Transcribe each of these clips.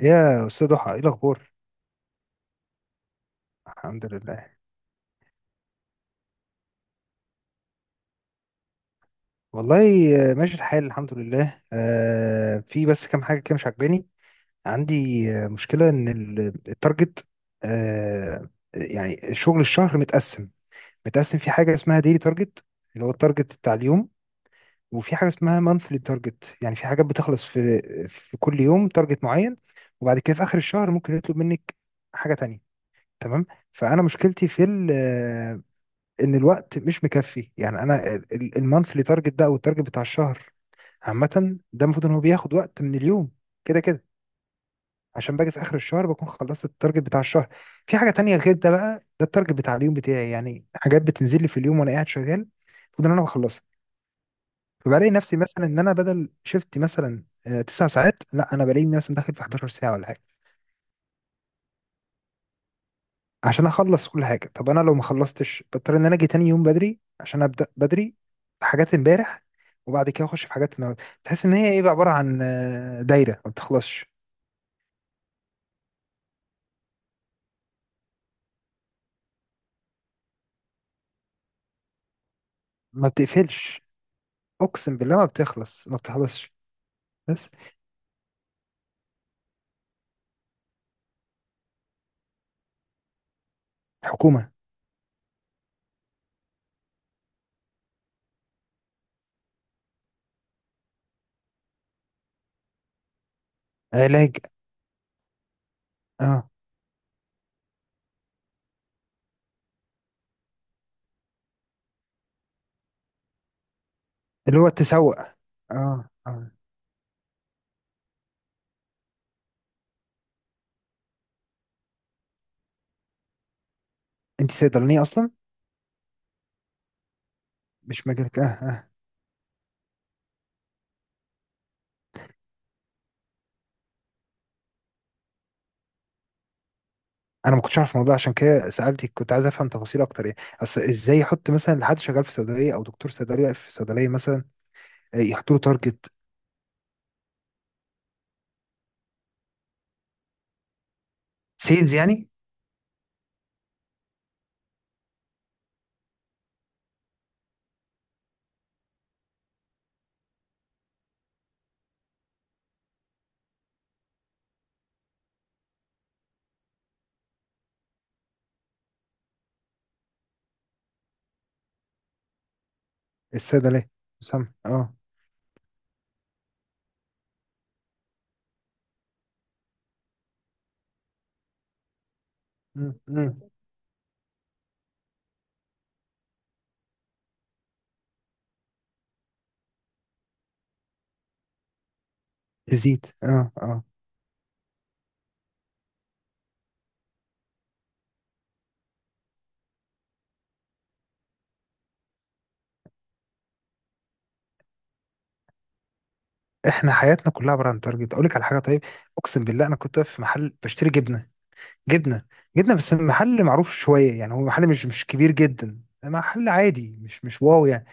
يا أستاذ ضحى، إيه الأخبار؟ الحمد لله. والله، ماشي الحال، الحمد لله. في بس كام حاجة كده مش عاجباني. عندي مشكلة، التارجت، يعني شغل الشهر متقسم. متقسم في حاجة اسمها ديلي تارجت، اللي هو التارجت بتاع اليوم. وفي حاجة اسمها مانثلي تارجت، يعني في حاجات بتخلص في كل يوم تارجت معين، وبعد كده في آخر الشهر ممكن يطلب منك حاجة تانية. تمام. فأنا مشكلتي في ال ان الوقت مش مكفي، يعني انا المانثلي تارجت ده او التارجت بتاع الشهر عامه، ده المفروض ان هو بياخد وقت من اليوم كده كده. عشان باجي في اخر الشهر بكون خلصت التارجت بتاع الشهر، في حاجه تانية غير ده. بقى ده التارجت بتاع اليوم بتاعي، يعني حاجات بتنزل لي في اليوم وانا قاعد شغال، المفروض ان انا بخلصها. فبلاقي نفسي مثلا ان انا بدل شفتي مثلا تسع ساعات، لا انا بلاقي نفسي مثلا داخل في 11 ساعه ولا حاجه، عشان اخلص كل حاجه. طب انا لو ما خلصتش بضطر ان انا اجي تاني يوم بدري عشان ابدا بدري حاجات امبارح، وبعد كده اخش في حاجات النهارده. تحس ان هي ايه بقى؟ عباره عن دايره ما بتخلصش، ما بتقفلش. اقسم بالله، ما بتخلص، ما بتخلصش. بس. حكومه. علاج. اه. اللي هو التسوق. اه، اه. انت صيدلانيه اصلا. مش مجالك، اه اه. انا ما كنتش اعرف الموضوع عشان كده سالتك، كنت عايز افهم تفاصيل اكتر يعني. اصل ازاي يحط مثلا لحد شغال في صيدليه او دكتور صيدليه في صيدليه مثلا يحط له تارجت؟ سيلز يعني. الصيدلية. سامع، اه. م- م. تزيد، اه اه. احنا حياتنا كلها عبارة عن تارجت. اقول لك على حاجة، طيب. اقسم بالله انا كنت واقف في محل بشتري جبنة، جبنة، جبنة. بس محل معروف شوية، يعني هو محل مش كبير جدا، محل عادي، مش واو يعني.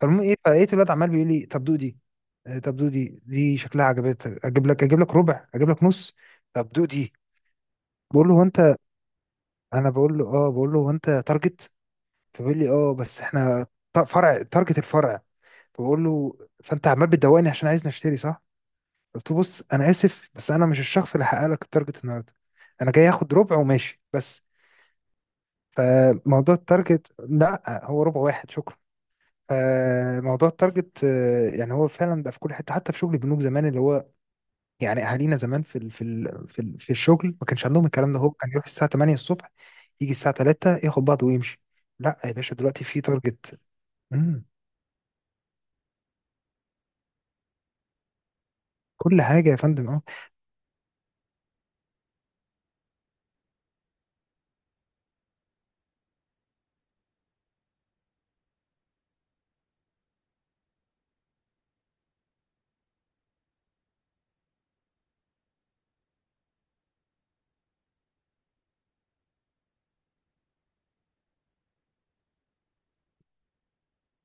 فالمهم ايه؟ فلقيت الواد عمال بيقول لي: طب دودي، طب دودي، دي شكلها عجبتك، اجيب لك ربع، اجيب لك نص؟ طب دودي. بقول له: هو انت... انا بقول له: اه، بقول له: هو انت تارجت؟ فبيقول لي: اه بس احنا فرع تارجت، الفرع. بقول له: فانت عمال بتدوقني عشان عايزني اشتري، صح؟ قلت له: بص، انا اسف بس انا مش الشخص اللي هحقق لك التارجت النهارده، انا جاي اخد ربع وماشي بس. فموضوع التارجت، لا، هو ربع واحد، شكرا. فموضوع التارجت يعني هو فعلا بقى في كل حته، حتى في شغل البنوك زمان. اللي هو يعني اهالينا زمان في الشغل، ما كانش عندهم الكلام ده. هو كان يروح الساعه 8 الصبح، يجي الساعه 3 ياخد بعضه ويمشي. لا يا باشا، دلوقتي في تارجت. مم، كل حاجه يا فندم، اه.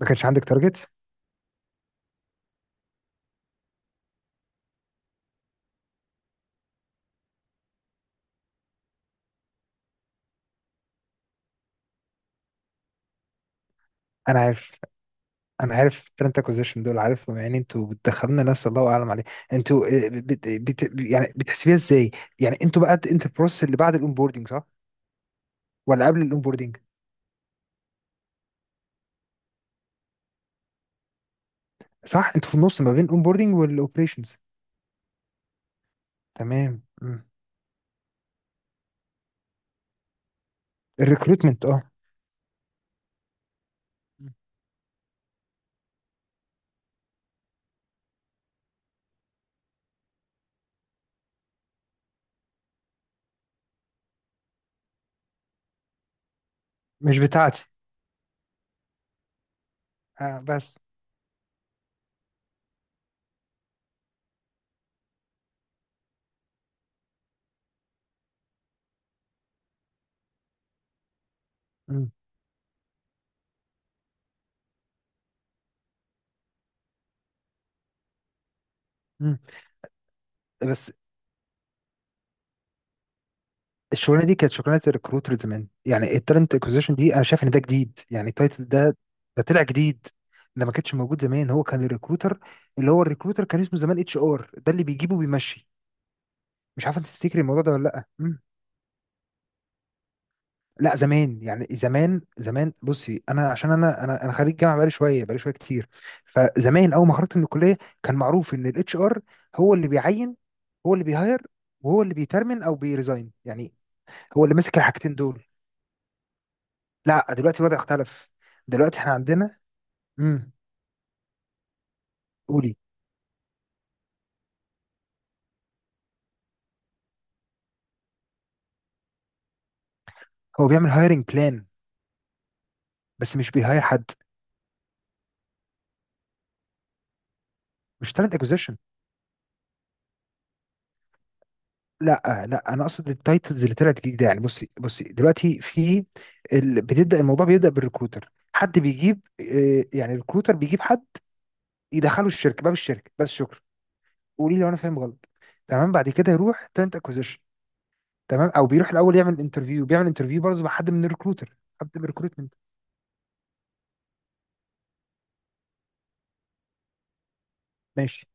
ما كانش عندك تارجت. انا عارف. انا عارف التالنت اكوزيشن دول، عارفهم يعني. انتوا بتدخلنا ناس الله اعلم عليه. انتوا يعني بتحسبيها ازاي؟ يعني انتوا بقى، انت البروسيس اللي بعد الاونبوردنج، صح؟ ولا قبل الاونبوردنج؟ صح، انتوا في النص ما بين الاونبوردنج والاوبريشنز. تمام. الريكروتمنت، اه. مم. مش بتاعتي. آه بس. مم. مم. بس الشغلانه دي كانت شغلانه الريكروتر زمان، يعني التالنت اكوزيشن دي انا شايف ان ده جديد، يعني التايتل ده، ده طلع جديد، ده ما كانش موجود زمان. هو كان الريكروتر، اللي هو الريكروتر كان اسمه زمان اتش ار، ده اللي بيجيبه وبيمشي. مش عارف انت تفتكري الموضوع ده ولا لا. مم. لا، زمان يعني زمان زمان، بصي انا، عشان انا خريج جامعه بقالي شويه، بقالي شويه كتير فزمان اول ما خرجت من الكليه كان معروف ان الاتش ار هو اللي بيعين، هو اللي بيهاير، وهو اللي بيترمن او بيريزاين يعني. هو اللي ماسك الحاجتين دول. لا دلوقتي الوضع اختلف. دلوقتي احنا عندنا، امم، قولي. هو بيعمل هايرنج بلان، بس مش بيهاير حد. مش تالنت اكوزيشن. لا، لا، انا اقصد التايتلز اللي طلعت جديده. يعني بصي دلوقتي في بتبدا، الموضوع بيبدا بالريكروتر. حد بيجيب، يعني الريكروتر بيجيب حد يدخله الشركه، باب الشركه بس، شكرا. قولي لي لو انا فاهم غلط. تمام، بعد كده يروح تالنت اكوزيشن، تمام. او بيروح الاول يعمل انترفيو، بيعمل انترفيو برضه مع حد من الريكروتر، حد من الريكروتمنت. ماشي.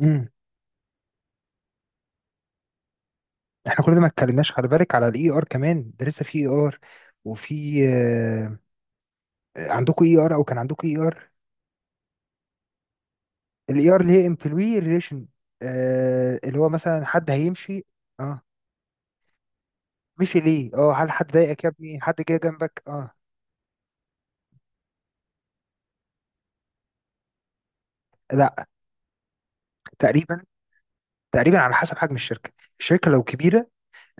امم، احنا كل ده ما اتكلمناش. خلي بالك على الاي ار كمان، ده لسه في اي ار. وفي عندكم اي ار او كان عندكم اي ار؟ الاي ار اللي هي امبلوي ريليشن، اللي هو مثلا حد هيمشي، اه. مشي ليه، اه؟ هل حد ضايقك يا ابني؟ حد جه جنبك، اه؟ لا، تقريبا، تقريبا على حسب حجم الشركه. الشركه لو كبيره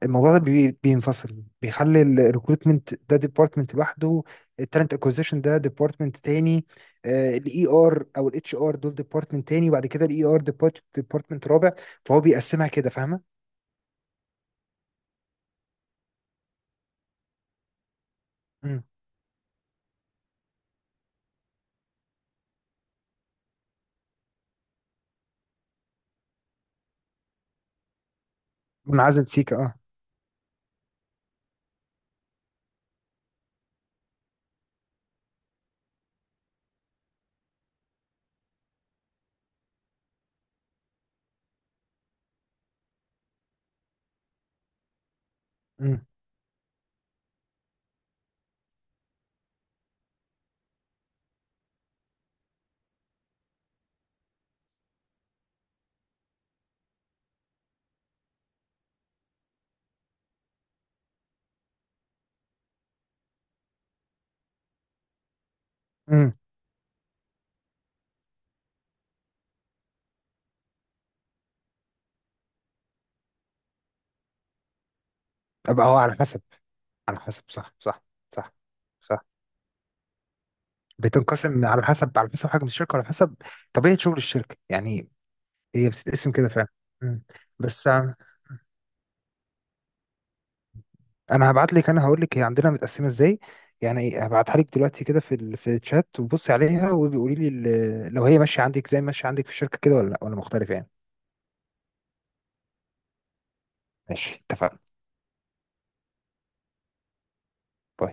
الموضوع ده بينفصل، بيخلي الريكروتمنت ده ديبارتمنت لوحده، التالنت اكوزيشن ده ديبارتمنت تاني، الاي ار او الاتش ار دول ديبارتمنت تاني، وبعد كده الاي ار ديبارتمنت رابع. فهو بيقسمها كده، فاهمه. مم. منعزل سيكا، اه. امم. امم. ابقى هو على حسب، على حسب. صح، صح. صح، صح. بتنقسم على حسب، على حسب حجم الشركه، على حسب طبيعه شغل الشركه يعني. هي بتتقسم كده فعلا. مم. بس انا هبعت لك، انا هقول لك هي عندنا متقسمه ازاي. يعني ايه، هبعتها لك دلوقتي كده في في الشات، وبصي عليها وقولي لي لو هي ماشيه عندك زي ما ماشيه عندك في الشركه كده ولا لا، ولا مختلف يعني. ماشي، اتفقنا. باي.